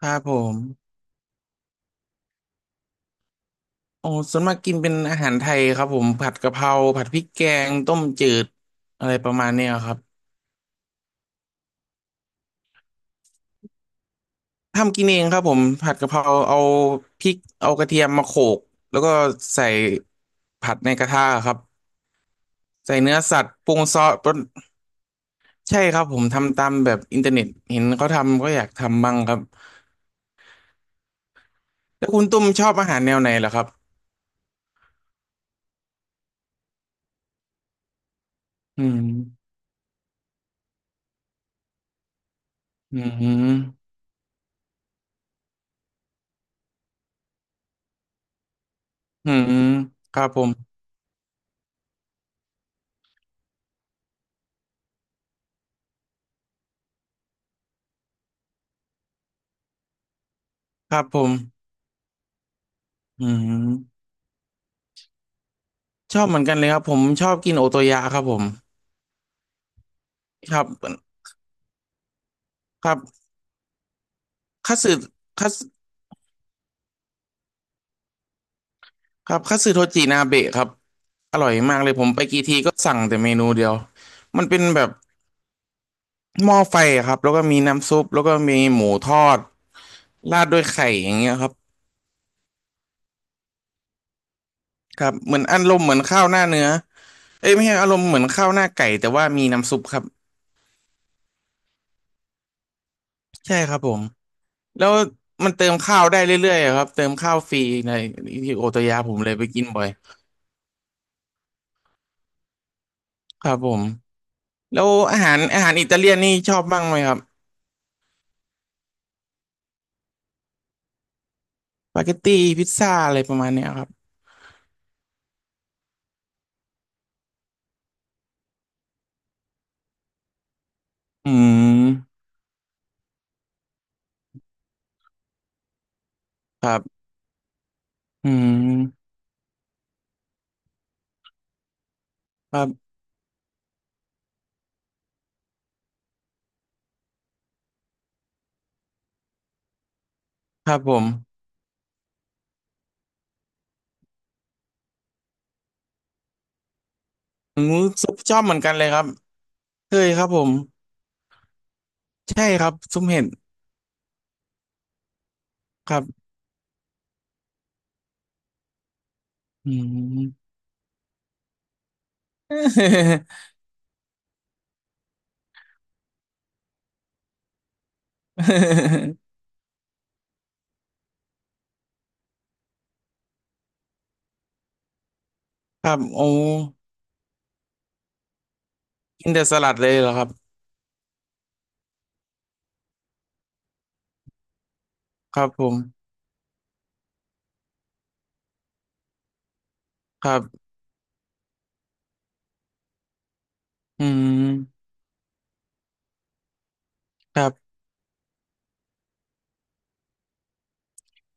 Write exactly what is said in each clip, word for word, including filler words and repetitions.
ครับผมโอ้ส่วนมากกินเป็นอาหารไทยครับผมผัดกะเพราผัดพริกแกงต้มจืดอะไรประมาณเนี้ยครับทำกินเองครับผมผัดกะเพราเอาพริกเอากระเทียมมาโขลกแล้วก็ใส่ผัดในกระทะครับใส่เนื้อสัตว์ปรุงซอสปรุงใช่ครับผมทำตามแบบอินเทอร์เน็ตเห็นเขาทำก็อยากทำบ้างครับแล้วคุณตุ้มชอบอาหารแนวไหนเหรอครับอืมอืมอืมครับผมครับผมอืม ชอบเหมือนกันเลยครับผมชอบกินโอโตยะครับผมครับครับคัตสึคัตสึครับคัตสึโทจินาเบะครับอร่อยมากเลยผมไปกี่ทีก็สั่งแต่เมนูเดียวมันเป็นแบบหม้อไฟอะครับแล้วก็มีน้ำซุปแล้วก็มีหมูทอดราดด้วยไข่อย่างเงี้ยครับครับเหมือนอารมณ์เหมือนข้าวหน้าเนื้อเอ้ยไม่ใช่อารมณ์เหมือนข้าวหน้าไก่แต่ว่ามีน้ำซุปครับใช่ครับผมแล้วมันเติมข้าวได้เรื่อยๆอะครับเติมข้าวฟรีในที่โอโตยะผมเลยไปกินบ่อยครับผม แล้วอาหารอาหารอิตาเลียนนี่ชอบบ้างไหมครับสปาเกตตี้พิซซ่าอะไรประมาณเนี้ยครับอืมครับอืมครับครับผมอืมซุปชอบเหมือนกันเลยครับเคยครับผมใช่ครับซุปเห็ดครับอืม ครับโอ้กินแต่สลัดเลยเหรอครับครับผมครับอืมครับ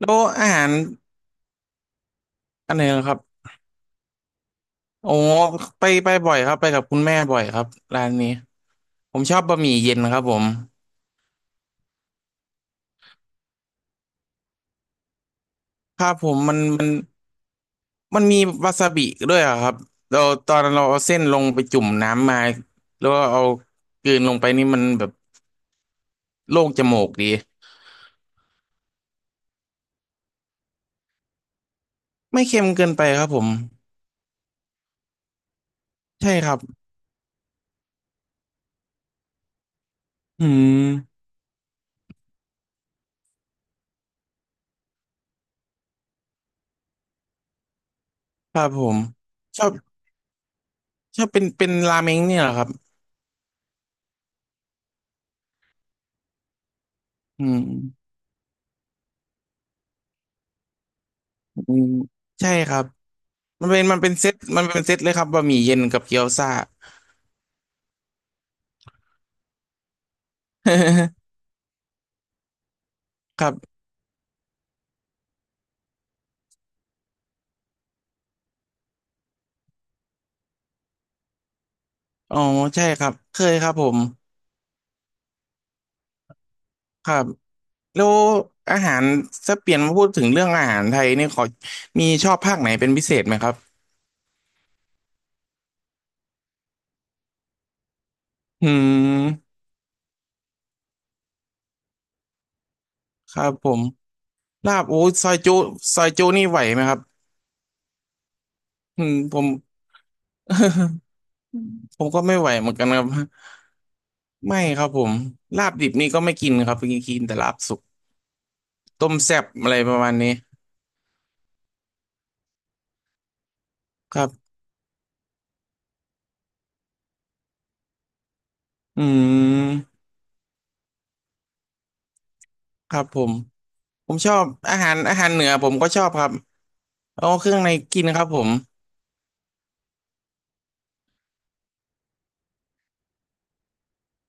แล้วอาหารอันไหนเหรอครับโอ้ไปไปบ่อยครับไปกับคุณแม่บ่อยครับร้านนี้ผมชอบบะหมี่เย็นครับผม ครับผมมันมันมันมีวาซาบิด้วยอะครับเราตอนเราเอาเส้นลงไปจุ่มน้ำมาแล้วก็เอากลืนลงไปนี่มันแบบโล่งจมูกดีไม่เค็มเกินไปครับผมใช่ครับอืมครับผมชอบชอบเป็นเป็นราเมงเนี่ยเหรอครับอืมอืมใช่ครับมันเป็นมันเป็นเซตมันเป็นเซตเลยครับบะหมี่เย็นกับเกี๊ยวซ่า ครับอ๋อใช่ครับเคยครับผมครับ แล้วอาหารถ้าเปลี่ยนมาพูดถึงเรื่องอาหารไทยนี่ขอมีชอบภาคไหนเป็นพิเศษไหมครับอืมครับผมลาบโอ้ยซอยจุซอยจุนี่ไหวไหมครับอืมผม ผมก็ไม่ไหวเหมือนกันครับไม่ครับผมลาบดิบนี่ก็ไม่กินครับกินกินแต่ลาบสุกต้มแซ่บอะไรประมาณนี้ครับอืมครับผมผมชอบอาหารอาหารเหนือผมก็ชอบครับเอาเครื่องในกินครับผม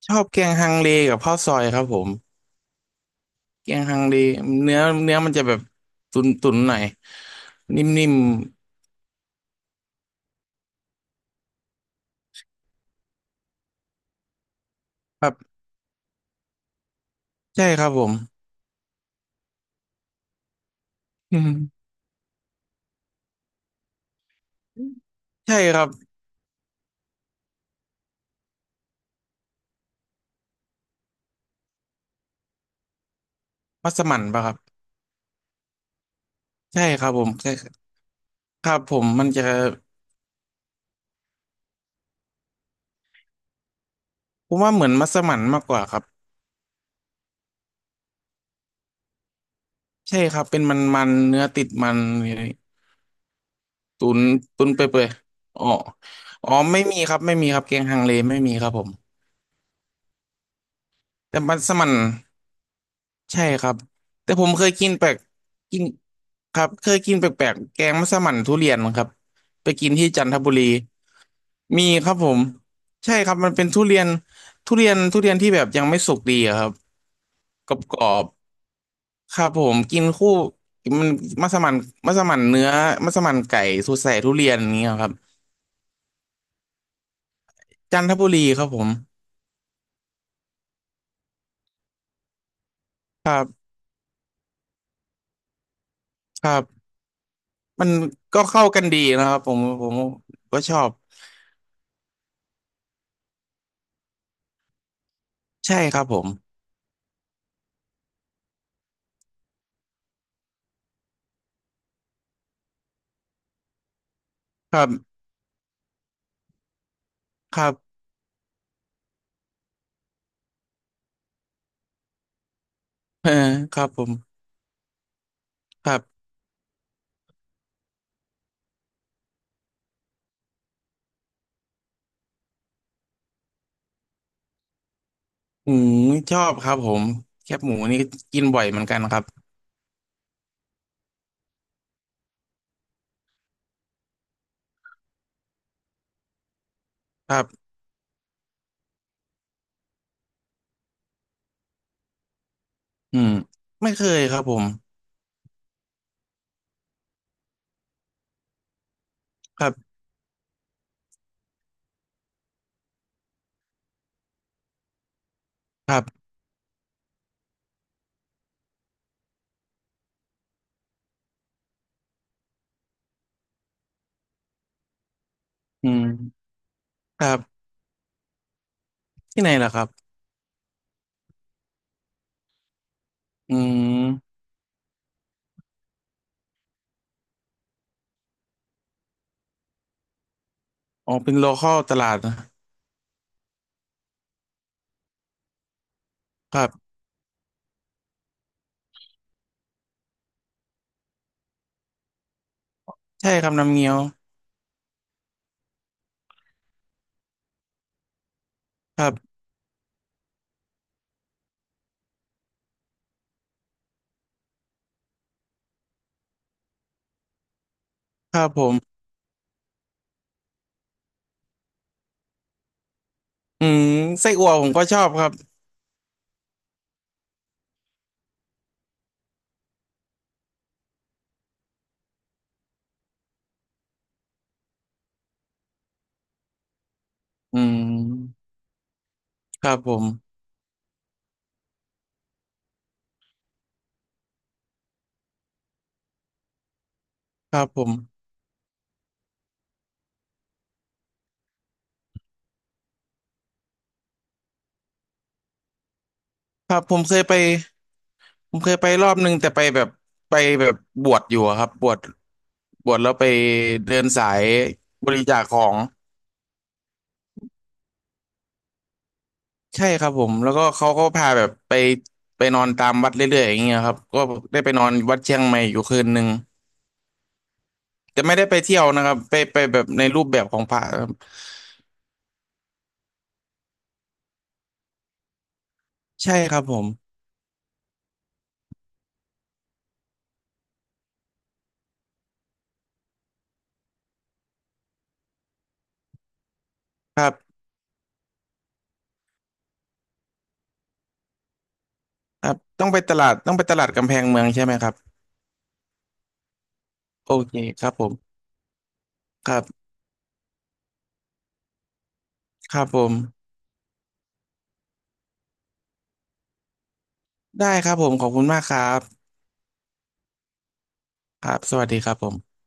ชอบแกงฮังเลกับข้าวซอยครับผม เกียงฮังดีเนื้อเนื้อมันจะแบบตุนตุนหน่อยนิ่มๆครับใช่ครับผมอืมใช่ครับมัสมั่นปะครับใช่ครับผมใช่ครับผมมันจะผมว่าเหมือนมัสมั่นมากกว่าครับใช่ครับเป็นมันมันเนื้อติดมันตุนตุนเปื่อยๆอ๋ออ๋อไม่มีครับไม่มีครับเกียงฮังเลไม่มีครับผมแต่มัสมั่น ใช่ครับแต่ผมเคยกินแปลกกินครับเคยกินแปลกๆแกงมัสมั่นทุเรียนครับไปกินที่จันทบุรีมีครับผมใช่ครับมันเป็นทุเรียนทุเรียนทุเรียนที่แบบยังไม่สุกดีอะครับกรอบๆครับผมกินคู่มันมัสมั่นมัสมั่นเนื้อมัสมั่นไก่สูตรใส่ทุเรียนอย่างเงี้ยครับจันทบุรีครับผมครับครับมันก็เข้ากันดีนะครับผมผมก็ชอบใช่ครับผมครับครับ เออครับผมครับ อืมชอบครับผมแคบหมูนี่กินบ่อยเหมือนกันครับครับอืมไม่เคยครับผมครับครับอืมครับที่ไหนล่ะครับอืมอ๋อเป็นโลคอลตลาดนะครับใช่ครับน้ำเงี้ยวครับครับผมอืมไส้อั่วผมก็ชอบครับอืมครับผมครับผมครับผมเคยไปผมเคยไปรอบนึงแต่ไปแบบไปแบบบวชอยู่อะครับบวชบวชแล้วไปเดินสายบริจาคของ ใช่ครับผมแล้วก็เขาก็พาแบบไปไปนอนตามวัดเรื่อยๆอย่างเงี้ยครับก็ได้ไปนอนวัดเชียงใหม่อยู่คืนหนึ่งแต่ไม่ได้ไปเที่ยวนะครับไปไปแบบในรูปแบบของพระครับใช่ครับผมครับครับต้องไปตลาดต้องไปตลาดกำแพงเมืองใช่ไหมครับโอเคครับผมครับครับผมได้ครับผมขอบคุณมากครับครับสวัสดีครับผม